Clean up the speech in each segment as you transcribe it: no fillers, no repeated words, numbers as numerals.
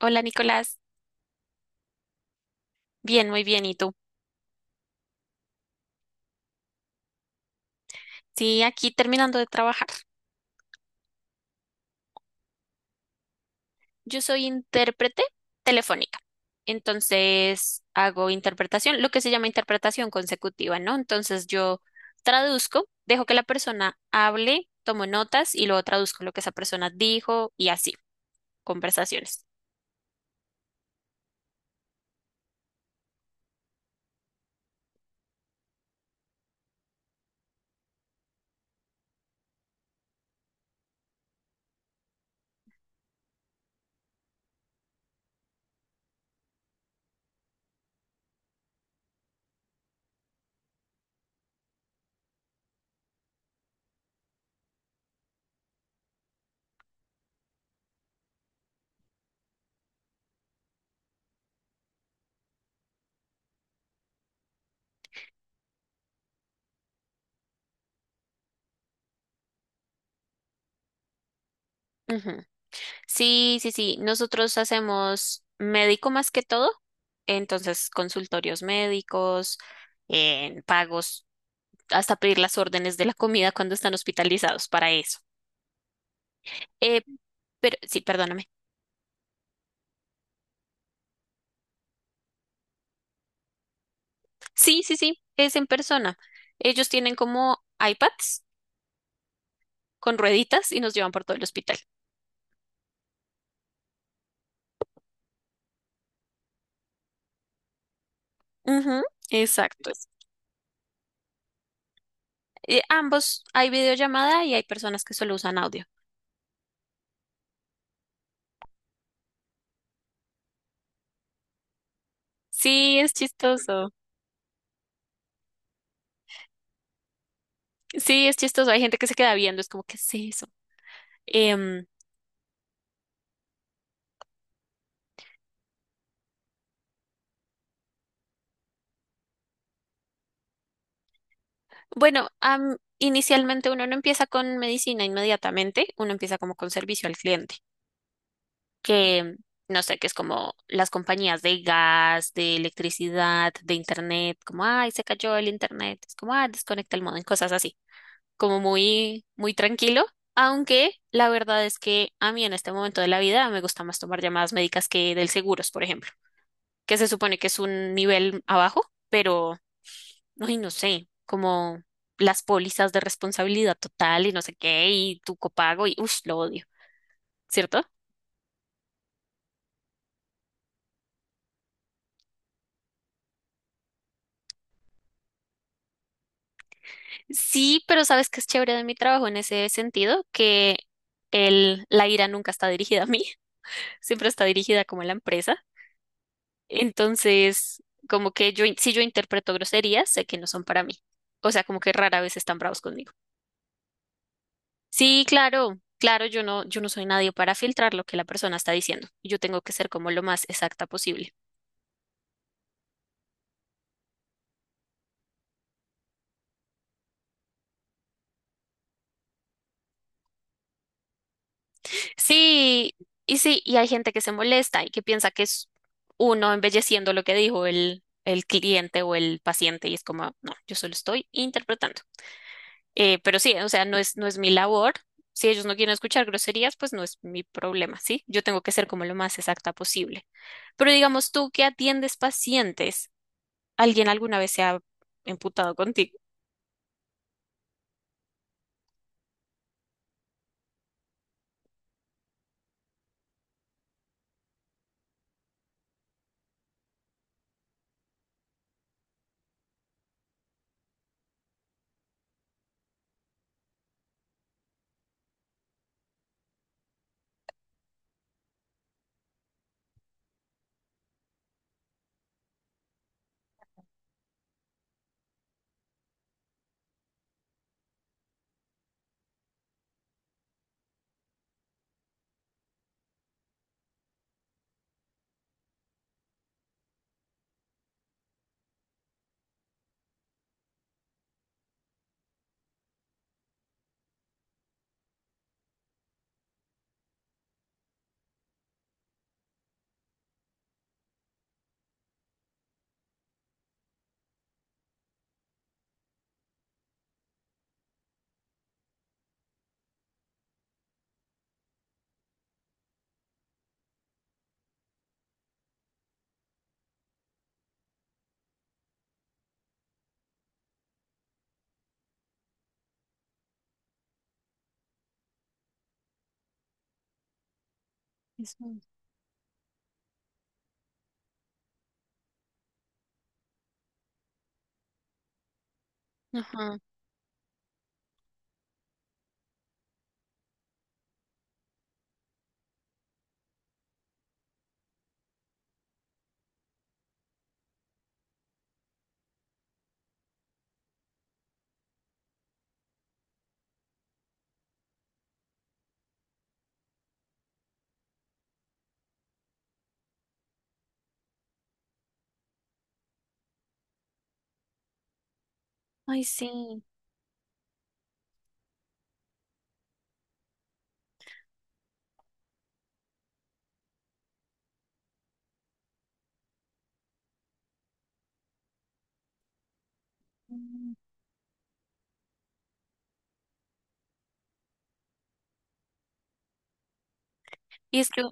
Hola Nicolás, bien, muy bien. ¿Y tú? Sí, aquí terminando de trabajar. Yo soy intérprete telefónica, entonces hago interpretación, lo que se llama interpretación consecutiva, ¿no? Entonces yo traduzco, dejo que la persona hable, tomo notas y luego traduzco lo que esa persona dijo y así, conversaciones. Ujú. Sí, sí, sí. Nosotros hacemos médico más que todo, entonces consultorios médicos, en pagos, hasta pedir las órdenes de la comida cuando están hospitalizados para eso. Eh, pero sí, perdóname. Sí, sí, sí, es en persona. Ellos tienen como iPads con rueditas y nos llevan por todo el hospital. Ujú, exacto. Ambos, hay videollamada y hay personas que solo usan audio. Sí, es chistoso. Sí, es chistoso. Hay gente que se queda viendo, es como, ¿qué es eso? Em, bueno, inicialmente uno no empieza con medicina inmediatamente, uno empieza como con servicio al cliente. Que, no sé, que es como las compañías de gas, de electricidad, de internet, como, ay, se cayó el internet, es como, ah, desconecta el modem, cosas así, como muy, muy tranquilo, aunque la verdad es que a mí en este momento de la vida me gusta más tomar llamadas médicas que del seguros, por ejemplo, que se supone que es un nivel abajo, pero, ay, no sé, como las pólizas de responsabilidad total y no sé qué, y tu copago, y, uff, lo odio, ¿cierto? Sí, pero sabes que es chévere de mi trabajo en ese sentido, que la ira nunca está dirigida a mí, siempre está dirigida como a la empresa. Entonces, como que yo, si yo interpreto groserías, sé que no son para mí. O sea, como que rara vez están bravos conmigo. Sí, claro, claro, yo no soy nadie para filtrar lo que la persona está diciendo. Yo tengo que ser como lo más exacta posible. Sí, y sí, y hay gente que se molesta y que piensa que es uno embelleciendo lo que dijo el cliente o el paciente y es como, no, yo solo estoy interpretando. Pero sí, o sea, no es mi labor. Si ellos no quieren escuchar groserías, pues no es mi problema, ¿sí? Yo tengo que ser como lo más exacta posible. Pero digamos tú que atiendes pacientes, ¿alguien alguna vez se ha emputado contigo? Eso. Ajá. Ay, sí. Y es que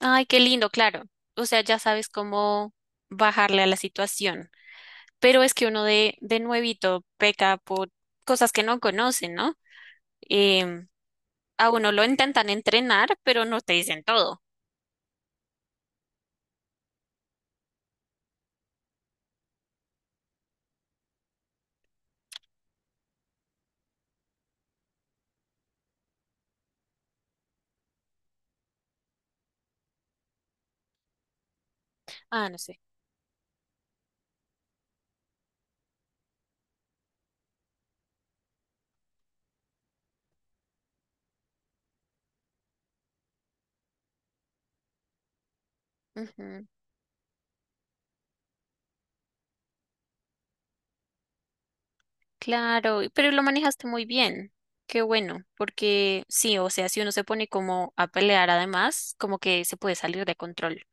ay, qué lindo, claro. O sea, ya sabes cómo bajarle a la situación. Pero es que uno de nuevito peca por cosas que no conocen, ¿no? Em, a uno lo intentan entrenar, pero no te dicen todo. Ah, no sé. Ujú, claro, pero lo manejaste muy bien. Qué bueno, porque sí, o sea, si uno se pone como a pelear además, como que se puede salir de control.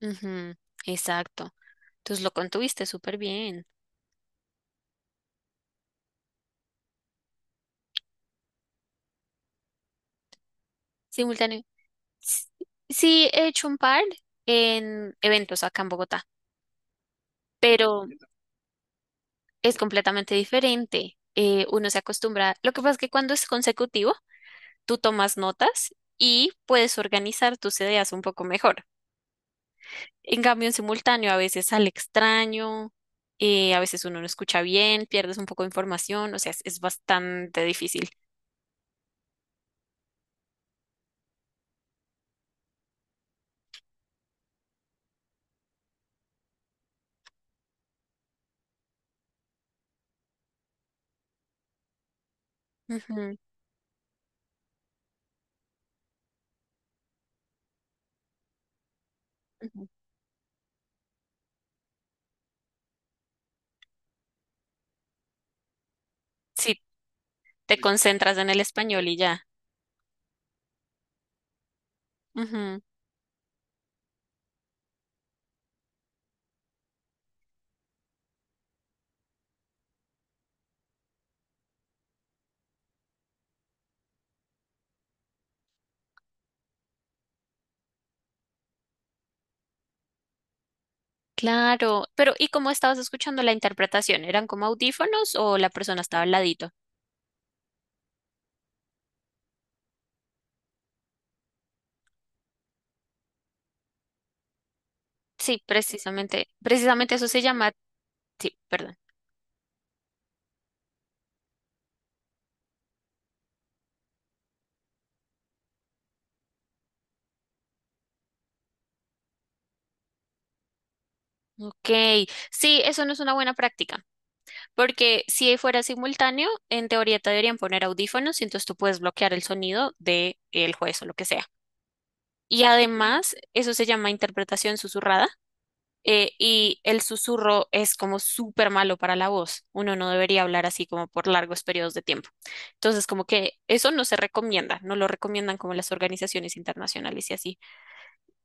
Ujú, exacto. Entonces lo contuviste súper bien. Simultáneo. Sí, he hecho un par en eventos acá en Bogotá, pero es completamente diferente. Uno se acostumbra. Lo que pasa es que cuando es consecutivo, tú tomas notas y puedes organizar tus ideas un poco mejor. En cambio, en simultáneo, a veces sale extraño, a veces uno no escucha bien, pierdes un poco de información, o sea, es bastante difícil. Ujú, ujú. Sí, te concentras en el español y ya. Claro, pero ¿y cómo estabas escuchando la interpretación? ¿Eran como audífonos o la persona estaba al ladito? Sí, precisamente, precisamente eso se llama, sí, perdón. Ok, sí, eso no es una buena práctica, porque si fuera simultáneo, en teoría te deberían poner audífonos y entonces tú puedes bloquear el sonido de el juez o lo que sea. Y además, eso se llama interpretación susurrada, y el susurro es como súper malo para la voz. Uno no debería hablar así como por largos periodos de tiempo. Entonces, como que eso no se recomienda, no lo recomiendan como las organizaciones internacionales y así.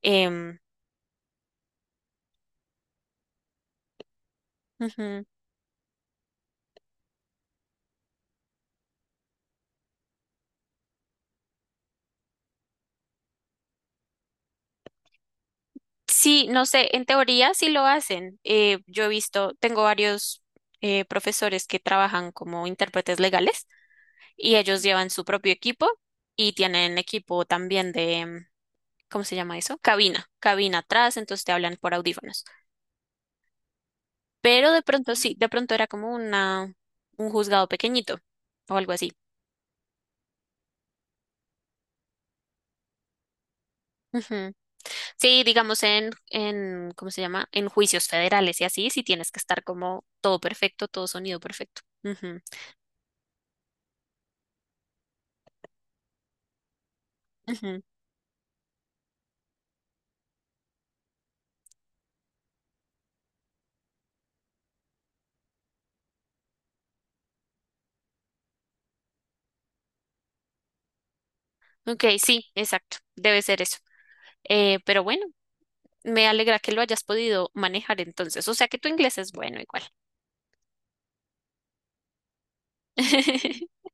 Em, Ujú. Sí, no sé, en teoría sí lo hacen. Yo he visto, tengo varios profesores que trabajan como intérpretes legales y ellos llevan su propio equipo y tienen equipo también de, ¿cómo se llama eso? Cabina, cabina atrás, entonces te hablan por audífonos. Pero de pronto sí, de pronto era como una, un juzgado pequeñito o algo así. Ujú. Sí, digamos en, ¿cómo se llama? En juicios federales y así, sí tienes que estar como todo perfecto, todo sonido perfecto. Ujú, ujú. Ok, sí, exacto, debe ser eso. Pero bueno, me alegra que lo hayas podido manejar entonces. O sea que tu inglés es bueno igual.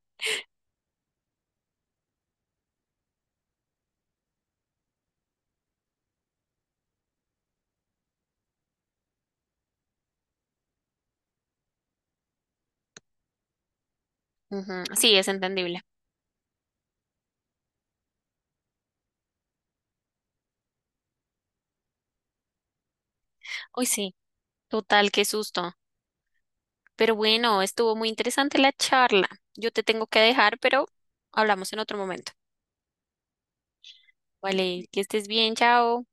Ujú, sí, es entendible. Uy, sí, total, qué susto. Pero bueno, estuvo muy interesante la charla. Yo te tengo que dejar, pero hablamos en otro momento. Vale, que estés bien, chao.